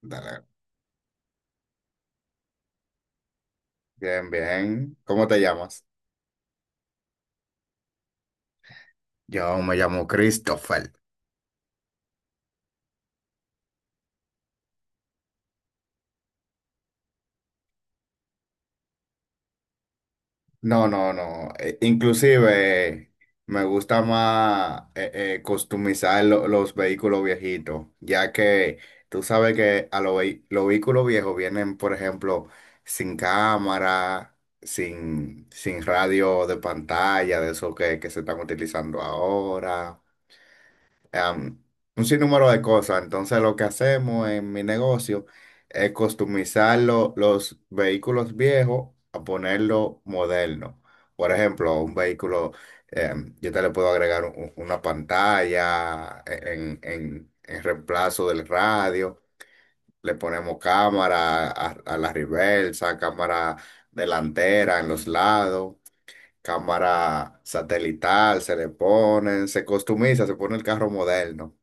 Dale. Bien, bien. ¿Cómo te llamas? Yo me llamo Christopher. No, no, no. Inclusive me gusta más customizar los vehículos viejitos, ya que tú sabes que a los vehículos viejos vienen, por ejemplo, sin cámara, sin radio de pantalla, de eso que se están utilizando ahora. am, un sinnúmero de cosas. Entonces, lo que hacemos en mi negocio es customizar los vehículos viejos a ponerlo moderno. Por ejemplo, un vehículo, yo te le puedo agregar una pantalla en reemplazo del radio. Le ponemos cámara a la reversa, cámara delantera en los lados, cámara satelital, se le ponen, se customiza, se pone el carro moderno.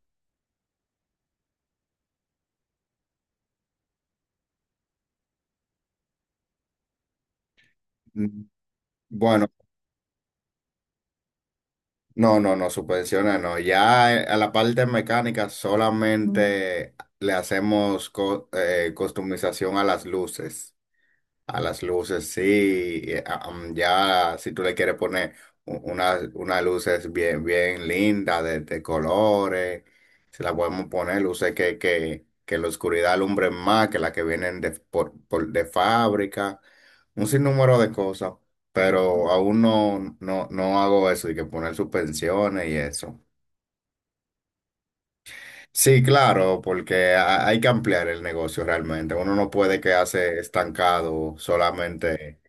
Mm, Bueno, no, no, no, suspensiones no. Ya a la parte mecánica solamente le hacemos customización a las luces. A las luces, sí. Ya, si tú le quieres poner unas luces bien, bien lindas, de colores, se las podemos poner, luces que la oscuridad alumbren más que las que vienen de fábrica, un sinnúmero de cosas, pero aún no, no, no hago eso, y que poner suspensiones y eso. Sí, claro, porque hay que ampliar el negocio realmente. Uno no puede quedarse estancado solamente.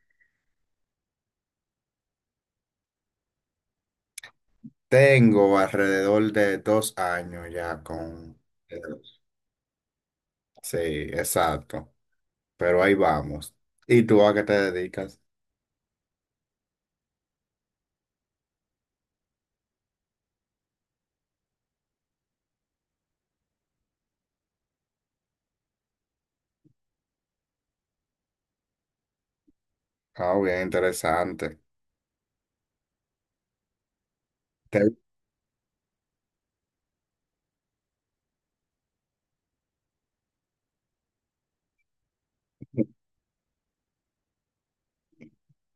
Tengo alrededor de 2 años ya con... Sí, exacto. Pero ahí vamos. ¿Y tú a qué te dedicas? Ah, bien interesante. ¿Te-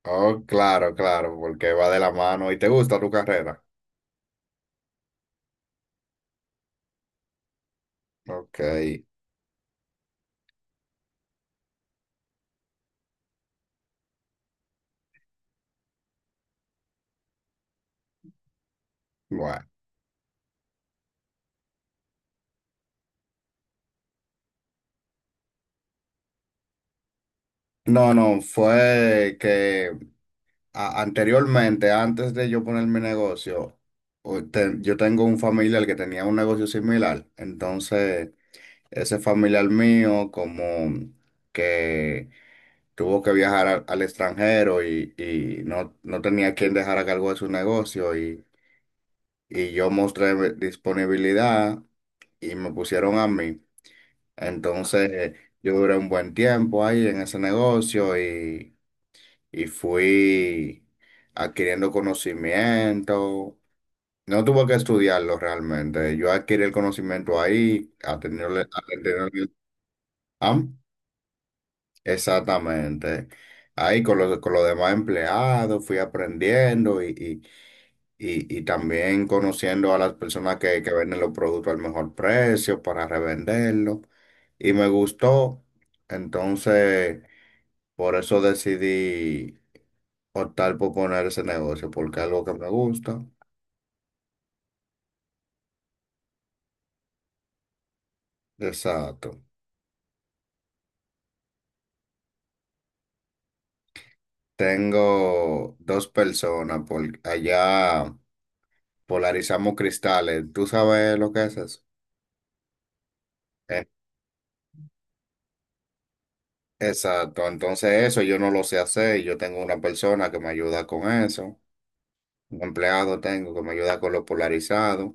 Oh, claro, claro, porque va de la mano. ¿Y te gusta tu carrera? Ok, bueno. No, no, fue que anteriormente, antes de yo poner mi negocio, yo tengo un familiar que tenía un negocio similar. Entonces, ese familiar mío como que tuvo que viajar al extranjero y no, no tenía quien dejar a cargo de su negocio y yo mostré mi disponibilidad y me pusieron a mí. Entonces yo duré un buen tiempo ahí en ese negocio y fui adquiriendo conocimiento. No tuve que estudiarlo realmente. Yo adquirí el conocimiento ahí, atendiendo, atendiendo. ¿Ah? Exactamente. Ahí con los demás empleados fui aprendiendo y también conociendo a las personas que venden los productos al mejor precio para revenderlos. Y me gustó. Entonces, por eso decidí optar por poner ese negocio, porque es algo que me gusta. Exacto. Tengo dos personas por allá, polarizamos cristales. ¿Tú sabes lo que es eso? Exacto, entonces eso yo no lo sé hacer, yo tengo una persona que me ayuda con eso, un empleado tengo que me ayuda con lo polarizado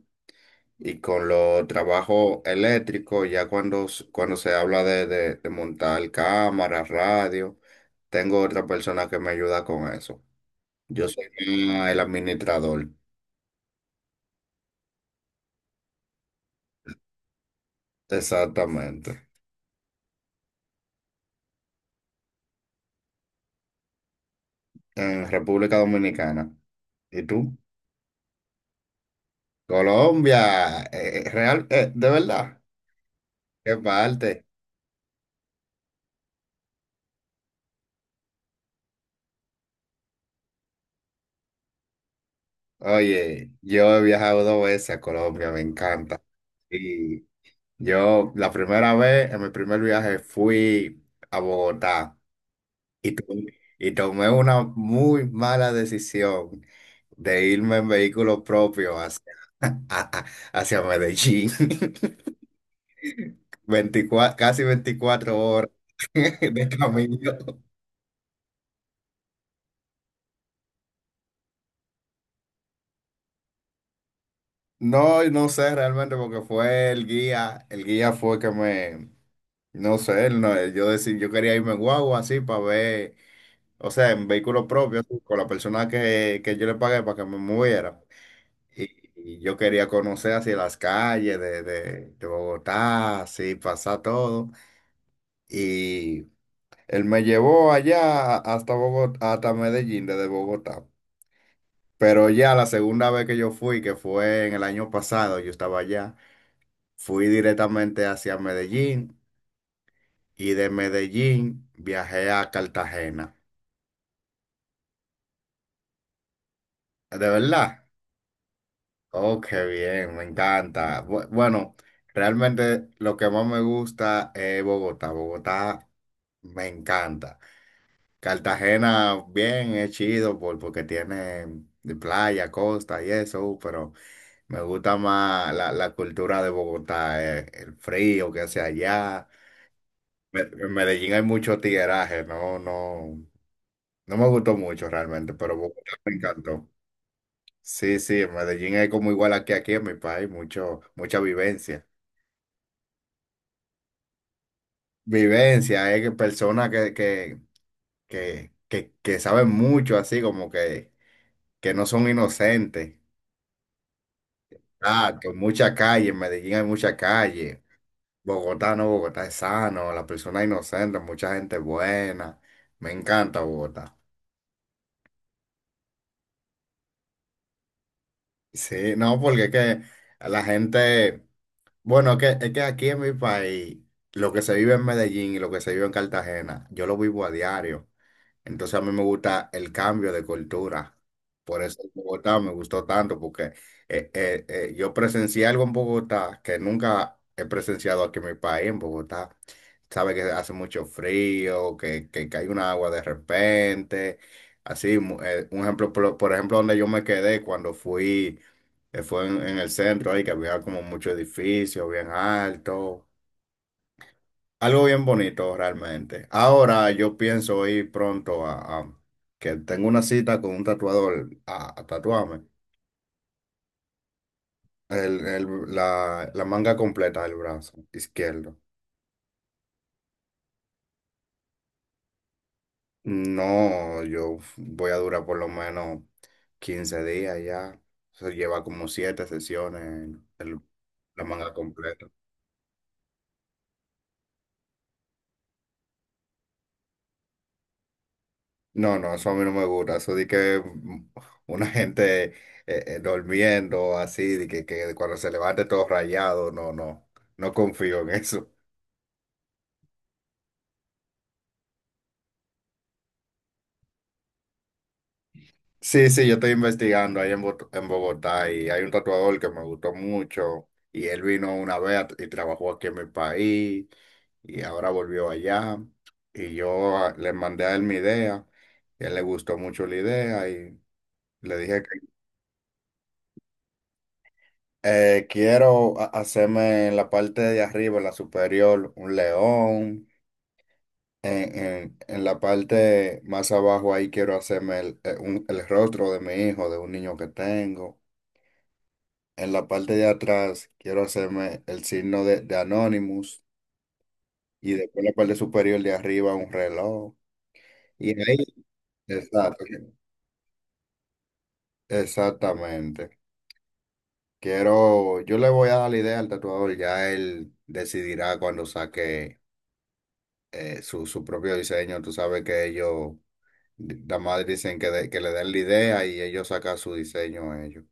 y con los trabajos eléctricos, ya cuando, cuando se habla de montar cámaras, radio, tengo otra persona que me ayuda con eso. Yo soy más el administrador, exactamente, en República Dominicana. ¿Y tú? Colombia, real, de verdad, qué parte. Oye, yo he viajado dos veces a Colombia, me encanta. Y yo la primera vez, en mi primer viaje, fui a Bogotá y, to- y tomé una muy mala decisión de irme en vehículo propio hacia, a- a- hacia Medellín. 24 casi 24 horas de camino. No, no sé realmente porque fue el guía fue que me, no sé, él no, yo decía, yo quería irme en guagua así para ver, o sea, en vehículo propio, así, con la persona que yo le pagué para que me moviera. Y yo quería conocer así las calles de Bogotá, así pasar todo. Y él me llevó allá hasta Bogotá, hasta Medellín, desde Bogotá. Pero ya la segunda vez que yo fui, que fue en el año pasado, yo estaba allá, fui directamente hacia Medellín y de Medellín viajé a Cartagena. De verdad. Oh, qué bien, me encanta. Bueno, realmente lo que más me gusta es Bogotá. Bogotá me encanta. Cartagena, bien, es chido porque tiene de playa, costa y eso, pero me gusta más la cultura de Bogotá, el frío que hace allá. En Medellín hay mucho tigueraje, no, no, no me gustó mucho realmente, pero Bogotá me encantó. Sí, sí, en Medellín es como igual aquí, aquí en mi país, mucho, mucha vivencia. Vivencia, es que personas que saben mucho, así como que no son inocentes. Ah, que mucha calle, en Medellín hay mucha calle. Bogotá no, Bogotá es sano, la persona es inocente, mucha gente buena. Me encanta Bogotá. Sí, no, porque es que a la gente, bueno, es que aquí en mi país, lo que se vive en Medellín y lo que se vive en Cartagena, yo lo vivo a diario. Entonces a mí me gusta el cambio de cultura. Por eso en Bogotá me gustó tanto, porque yo presencié algo en Bogotá que nunca he presenciado aquí en mi país, en Bogotá. Sabe que hace mucho frío, que cae un agua de repente. Así, un ejemplo, por ejemplo, donde yo me quedé cuando fui, fue en el centro ahí, que había como muchos edificios bien altos. Algo bien bonito realmente. Ahora yo pienso ir pronto que tengo una cita con un tatuador a tatuarme el- el- la manga completa del brazo izquierdo. No, yo voy a durar por lo menos 15 días ya. Se lleva como siete sesiones el- la manga completa. No, no, eso a mí no me gusta. Eso de que una gente durmiendo así, de que cuando se levante todo rayado, no, no, no confío en eso. Sí, sí, yo estoy investigando en Bogotá y hay un tatuador que me gustó mucho y él vino una vez y trabajó aquí en mi país y ahora volvió allá y yo le mandé a él mi idea y a él le gustó mucho la idea y le dije. Quiero hacerme en la parte de arriba, en la superior, un león. En la parte más abajo ahí quiero hacerme el rostro de mi hijo, de un niño que tengo. En la parte de atrás quiero hacerme el signo de Anonymous. Y después en la parte superior de arriba un reloj. Y ahí, exacto, exactamente. Quiero, yo le voy a dar la idea al tatuador, ya él decidirá cuando saque su propio diseño. Tú sabes que ellos, nada más dicen que le den la idea y ellos sacan su diseño a ellos.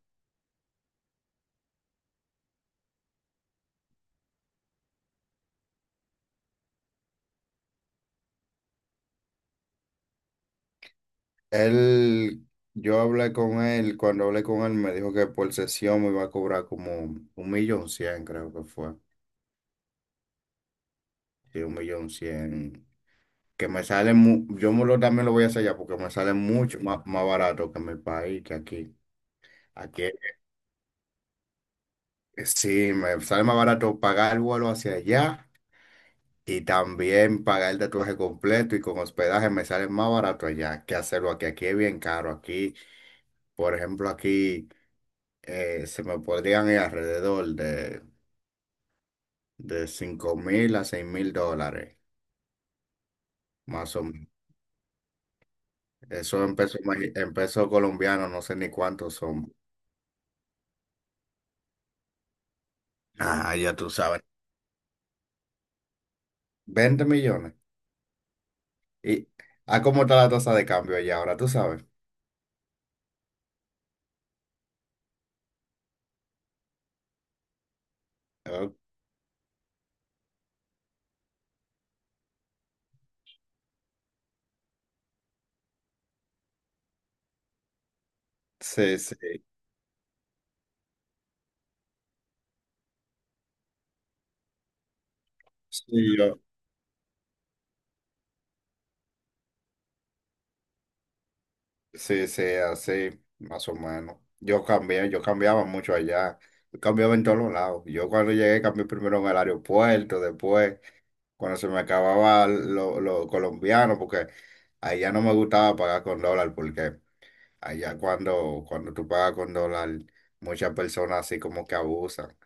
Él, yo hablé con él, cuando hablé con él me dijo que por sesión me iba a cobrar como 1.100.000, creo que fue. Sí, 1.100.000. Que me sale, yo me lo, también lo voy a hacer allá porque me sale mucho más, más barato que en mi país, que aquí. Aquí, sí, me sale más barato pagar el vuelo hacia allá y también pagar el tatuaje completo y con hospedaje me sale más barato allá que hacerlo aquí. Aquí es bien caro. Aquí, por ejemplo, aquí se me podrían ir alrededor de 5.000 a 6.000 dólares, más o menos. Eso en en pesos colombianos, no sé ni cuántos son. Ah, ya tú sabes. 20 millones. ¿Y a cómo está la tasa de cambio allá ahora? ¿Tú sabes? Oh, sí, sí. Sí, sí, sí, así, más o menos. Yo cambié, yo cambiaba mucho allá. Yo cambiaba en todos los lados. Yo cuando llegué cambié primero en el aeropuerto, después cuando se me acababa lo colombiano, porque allá no me gustaba pagar con dólar, porque allá cuando, cuando tú pagas con dólar, muchas personas así como que abusan.